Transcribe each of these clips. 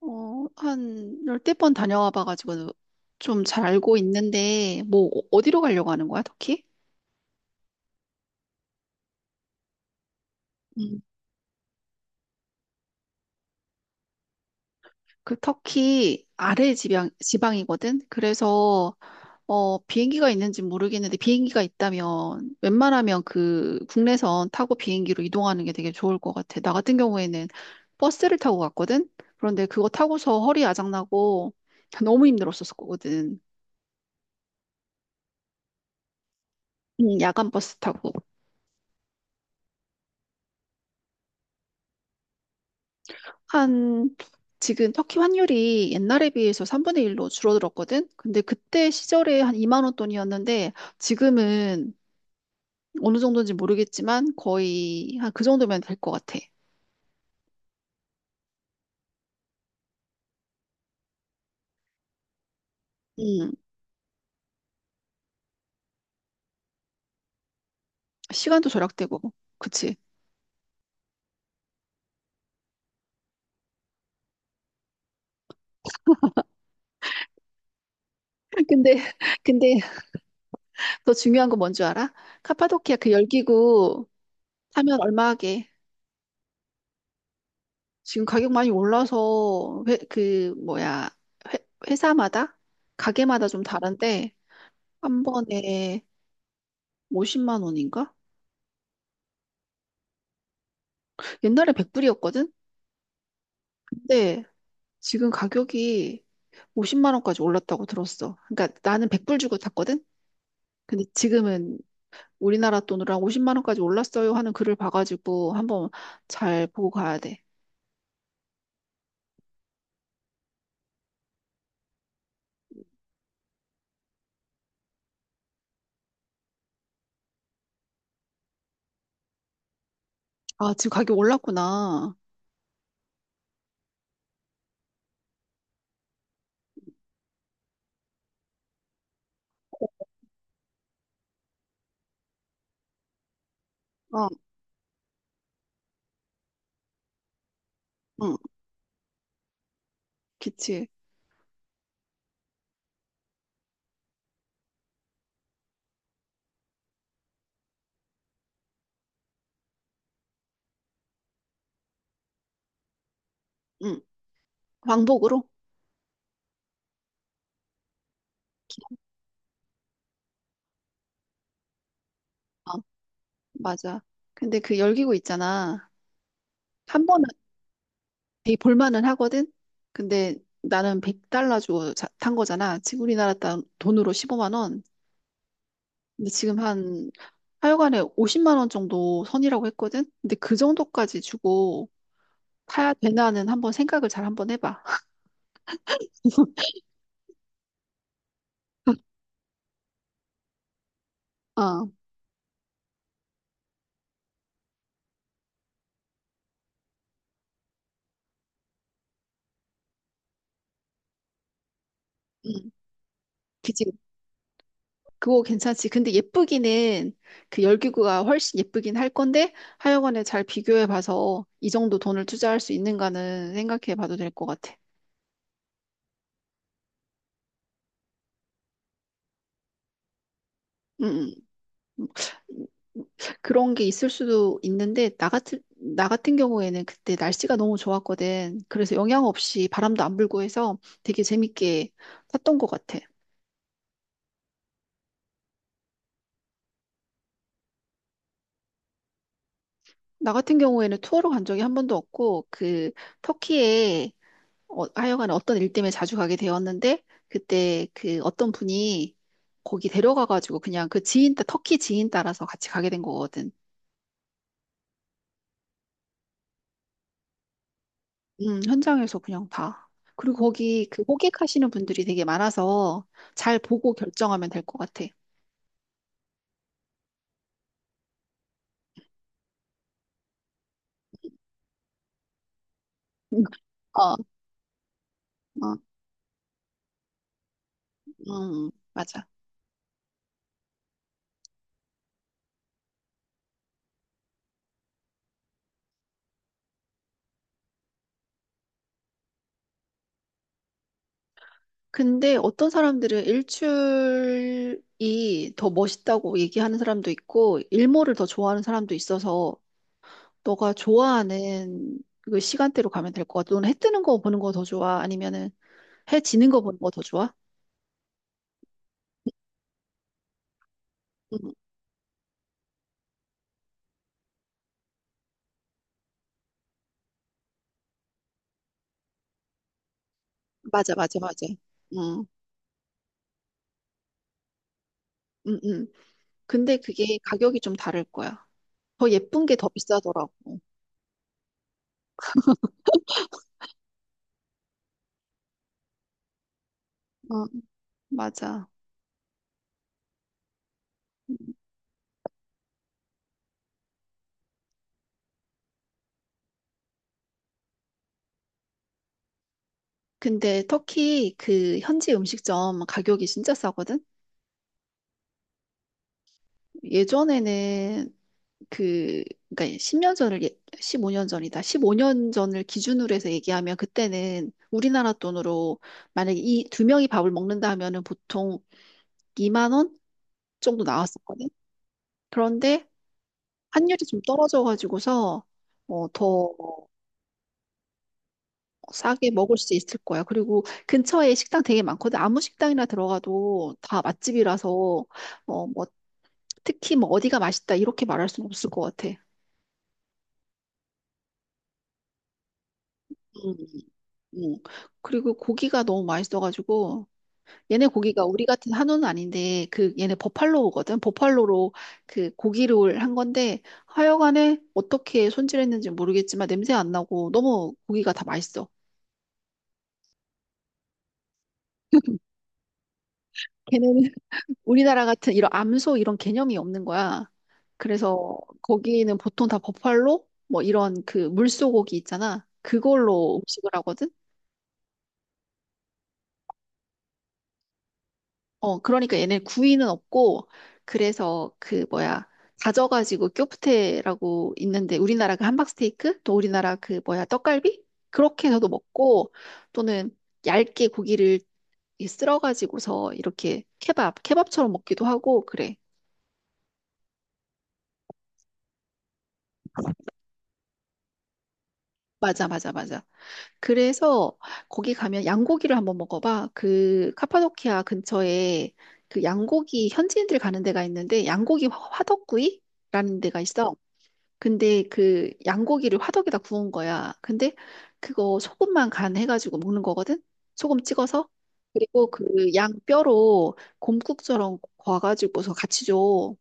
어, 한 열댓 번 다녀와 봐가지고 좀 잘 알고 있는데, 뭐, 어디로 가려고 하는 거야, 터키? 음. 그 터키 아래 지방이거든? 그래서, 비행기가 있는지 모르겠는데, 비행기가 있다면, 웬만하면 그 국내선 타고 비행기로 이동하는 게 되게 좋을 것 같아. 나 같은 경우에는 버스를 타고 갔거든? 그런데 그거 타고서 허리 아작나고, 너무 힘들었었거든. 야간 버스 타고. 한 지금 터키 환율이 옛날에 비해서 3분의 1로 줄어들었거든. 근데 그때 시절에 한 2만 원 돈이었는데 지금은 어느 정도인지 모르겠지만 거의 한 그 정도면 될 것 같아. 음, 시간도 절약되고. 그치. 근데, 근데 더 중요한 건 뭔지 알아? 카파도키아 그 열기구 타면 얼마 하게. 지금 가격 많이 올라서 회, 그 뭐야 회, 회사마다 가게마다 좀 다른데 한 번에 50만 원인가? 옛날에 100불이었거든? 근데 지금 가격이 50만 원까지 올랐다고 들었어. 그러니까 나는 100불 주고 샀거든? 근데 지금은 우리나라 돈으로 한 50만 원까지 올랐어요 하는 글을 봐가지고 한번 잘 보고 가야 돼. 아, 지금 가격 올랐구나. 어, 응, 그치. 응, 왕복으로? 어, 맞아. 근데 그 열기구 있잖아. 한 번은 되게 볼만은 하거든? 근데 나는 100달러 주고 탄 거잖아. 지금 우리나라 돈으로 15만 원. 근데 지금 한 하여간에 50만 원 정도 선이라고 했거든? 근데 그 정도까지 주고 타야 되나는 한번 생각을 잘 한번 해봐. 아, 음, 그지. 그거 괜찮지. 근데 예쁘기는 그 열기구가 훨씬 예쁘긴 할 건데 하여간에 잘 비교해 봐서 이 정도 돈을 투자할 수 있는가는 생각해 봐도 될 것 같아. 응, 응. 음, 그런 게 있을 수도 있는데, 나 같은 경우에는 그때 날씨가 너무 좋았거든. 그래서 영향 없이 바람도 안 불고 해서 되게 재밌게 탔던 것 같아. 나 같은 경우에는 투어로 간 적이 한 번도 없고, 그, 터키에 하여간 어떤 일 때문에 자주 가게 되었는데, 그때 그 어떤 분이 거기 데려가가지고 그냥 그 지인, 터키 지인 따라서 같이 가게 된 거거든. 현장에서 그냥 봐. 그리고 거기 그 호객하시는 분들이 되게 많아서 잘 보고 결정하면 될 것 같아. 음. 어, 어, 맞아. 근데 어떤 사람들은 일출이 더 멋있다고 얘기하는 사람도 있고, 일몰을 더 좋아하는 사람도 있어서, 너가 좋아하는 그 시간대로 가면 될 것 같아. 너는 해 뜨는 거 보는 거 더 좋아? 아니면은 해 지는 거 보는 거 더 좋아? 음, 맞아, 맞아, 맞아. 음, 음, 음. 근데 그게 가격이 좀 다를 거야. 더 예쁜 게 더 비싸더라고. 어, 맞아. 근데 터키 그 현지 음식점 가격이 진짜 싸거든? 예전에는 그, 그러니까 10년 15년 전이다. 15년 전을 기준으로 해서 얘기하면 그때는 우리나라 돈으로 만약에 이 두 명이 밥을 먹는다 하면은 보통 2만 원 정도 나왔었거든? 그런데 환율이 좀 떨어져가지고서 더 싸게 먹을 수 있을 거야. 그리고 근처에 식당 되게 많거든. 아무 식당이나 들어가도 다 맛집이라서 뭐 특히 뭐 어디가 맛있다 이렇게 말할 수는 없을 것 같아. 음, 음. 그리고 고기가 너무 맛있어가지고 얘네 고기가 우리 같은 한우는 아닌데 그 얘네 버팔로우거든. 버팔로로 그 고기를 한 건데 하여간에 어떻게 손질했는지 모르겠지만 냄새 안 나고 너무 고기가 다 맛있어. 걔네는 우리나라 같은 이런 암소 이런 개념이 없는 거야. 그래서 거기는 보통 다 버팔로 뭐 이런 그 물소고기 있잖아. 그걸로 음식을 하거든. 그러니까 얘네 구이는 없고 그래서 그 뭐야 다져가지고 쿄프테라고 있는데 우리나라 그 함박스테이크 또 우리나라 그 뭐야 떡갈비 그렇게 해서도 먹고 또는 얇게 고기를 이 쓸어가지고서 이렇게 케밥처럼 먹기도 하고 그래. 맞아 맞아 맞아. 그래서 거기 가면 양고기를 한번 먹어봐. 그 카파도키아 근처에 그 양고기 현지인들 가는 데가 있는데 양고기 화덕구이라는 데가 있어. 근데 그 양고기를 화덕에다 구운 거야. 근데 그거 소금만 간 해가지고 먹는 거거든. 소금 찍어서. 그리고 그 양 뼈로 곰국처럼 구워가지고서 같이 줘.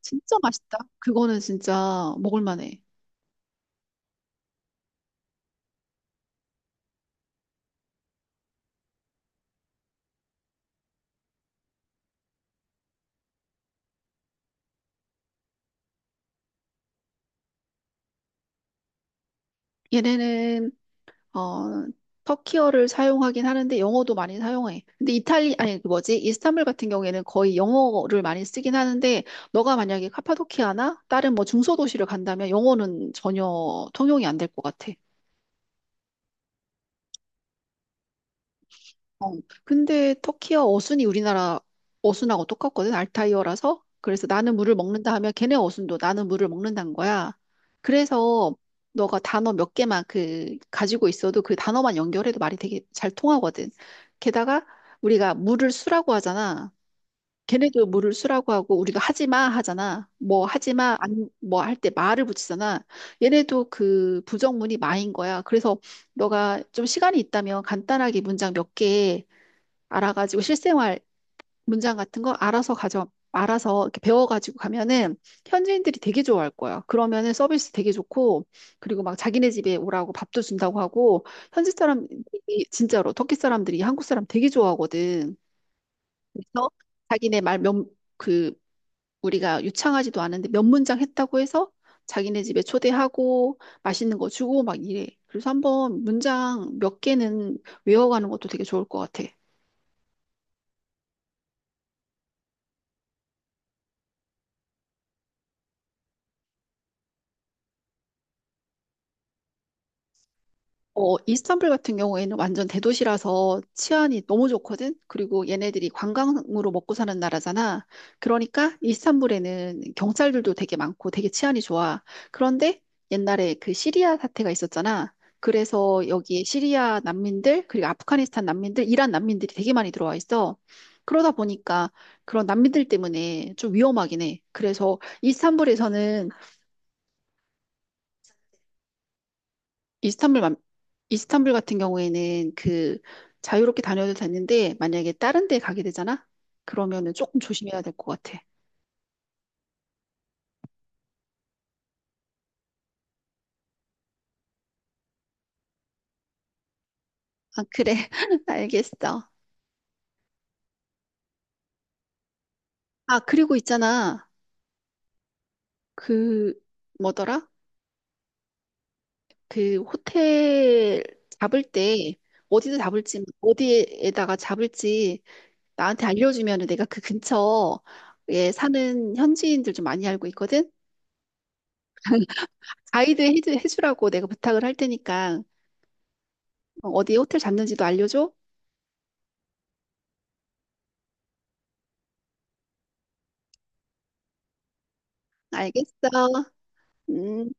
진짜 맛있다. 그거는 진짜 먹을 만해. 얘네는 어, 터키어를 사용하긴 하는데 영어도 많이 사용해. 근데 아니, 그 뭐지? 이스탄불 같은 경우에는 거의 영어를 많이 쓰긴 하는데, 너가 만약에 카파도키아나 다른 뭐 중소도시를 간다면 영어는 전혀 통용이 안 될 것 같아. 어, 근데 터키어 어순이 우리나라 어순하고 똑같거든, 알타이어라서. 그래서 나는 물을 먹는다 하면 걔네 어순도 나는 물을 먹는다는 거야. 그래서 너가 단어 몇 개만 그 가지고 있어도 그 단어만 연결해도 말이 되게 잘 통하거든. 게다가 우리가 물을 수라고 하잖아. 걔네도 물을 수라고 하고 우리가 하지마 하잖아. 뭐 하지마 안 뭐 할 때 마를 붙이잖아. 얘네도 그 부정문이 마인 거야. 그래서 너가 좀 시간이 있다면 간단하게 문장 몇개 알아가지고 실생활 문장 같은 거 알아서 이렇게 배워가지고 가면은 현지인들이 되게 좋아할 거야. 그러면은 서비스 되게 좋고, 그리고 막 자기네 집에 오라고 밥도 준다고 하고, 현지 사람이 진짜로 터키 사람들이 한국 사람 되게 좋아하거든. 그래서 자기네 말 몇, 그, 우리가 유창하지도 않은데 몇 문장 했다고 해서 자기네 집에 초대하고 맛있는 거 주고 막 이래. 그래서 한번 문장 몇 개는 외워가는 것도 되게 좋을 것 같아. 어, 이스탄불 같은 경우에는 완전 대도시라서 치안이 너무 좋거든? 그리고 얘네들이 관광으로 먹고 사는 나라잖아. 그러니까 이스탄불에는 경찰들도 되게 많고 되게 치안이 좋아. 그런데 옛날에 그 시리아 사태가 있었잖아. 그래서 여기에 시리아 난민들, 그리고 아프가니스탄 난민들, 이란 난민들이 되게 많이 들어와 있어. 그러다 보니까 그런 난민들 때문에 좀 위험하긴 해. 그래서 이스탄불에서는 이스탄불, 맘- 이스탄불 같은 경우에는 그 자유롭게 다녀도 되는데 만약에 다른 데 가게 되잖아? 그러면은 조금 조심해야 될 것 같아. 아, 그래. 알겠어. 아, 그리고 있잖아. 그 뭐더라? 그 호텔 잡을 때 어디서 잡을지 어디에다가 잡을지 나한테 알려주면은 내가 그 근처에 사는 현지인들 좀 많이 알고 있거든. 해주라고 내가 부탁을 할 테니까 어디 호텔 잡는지도 알려줘. 알겠어. 음.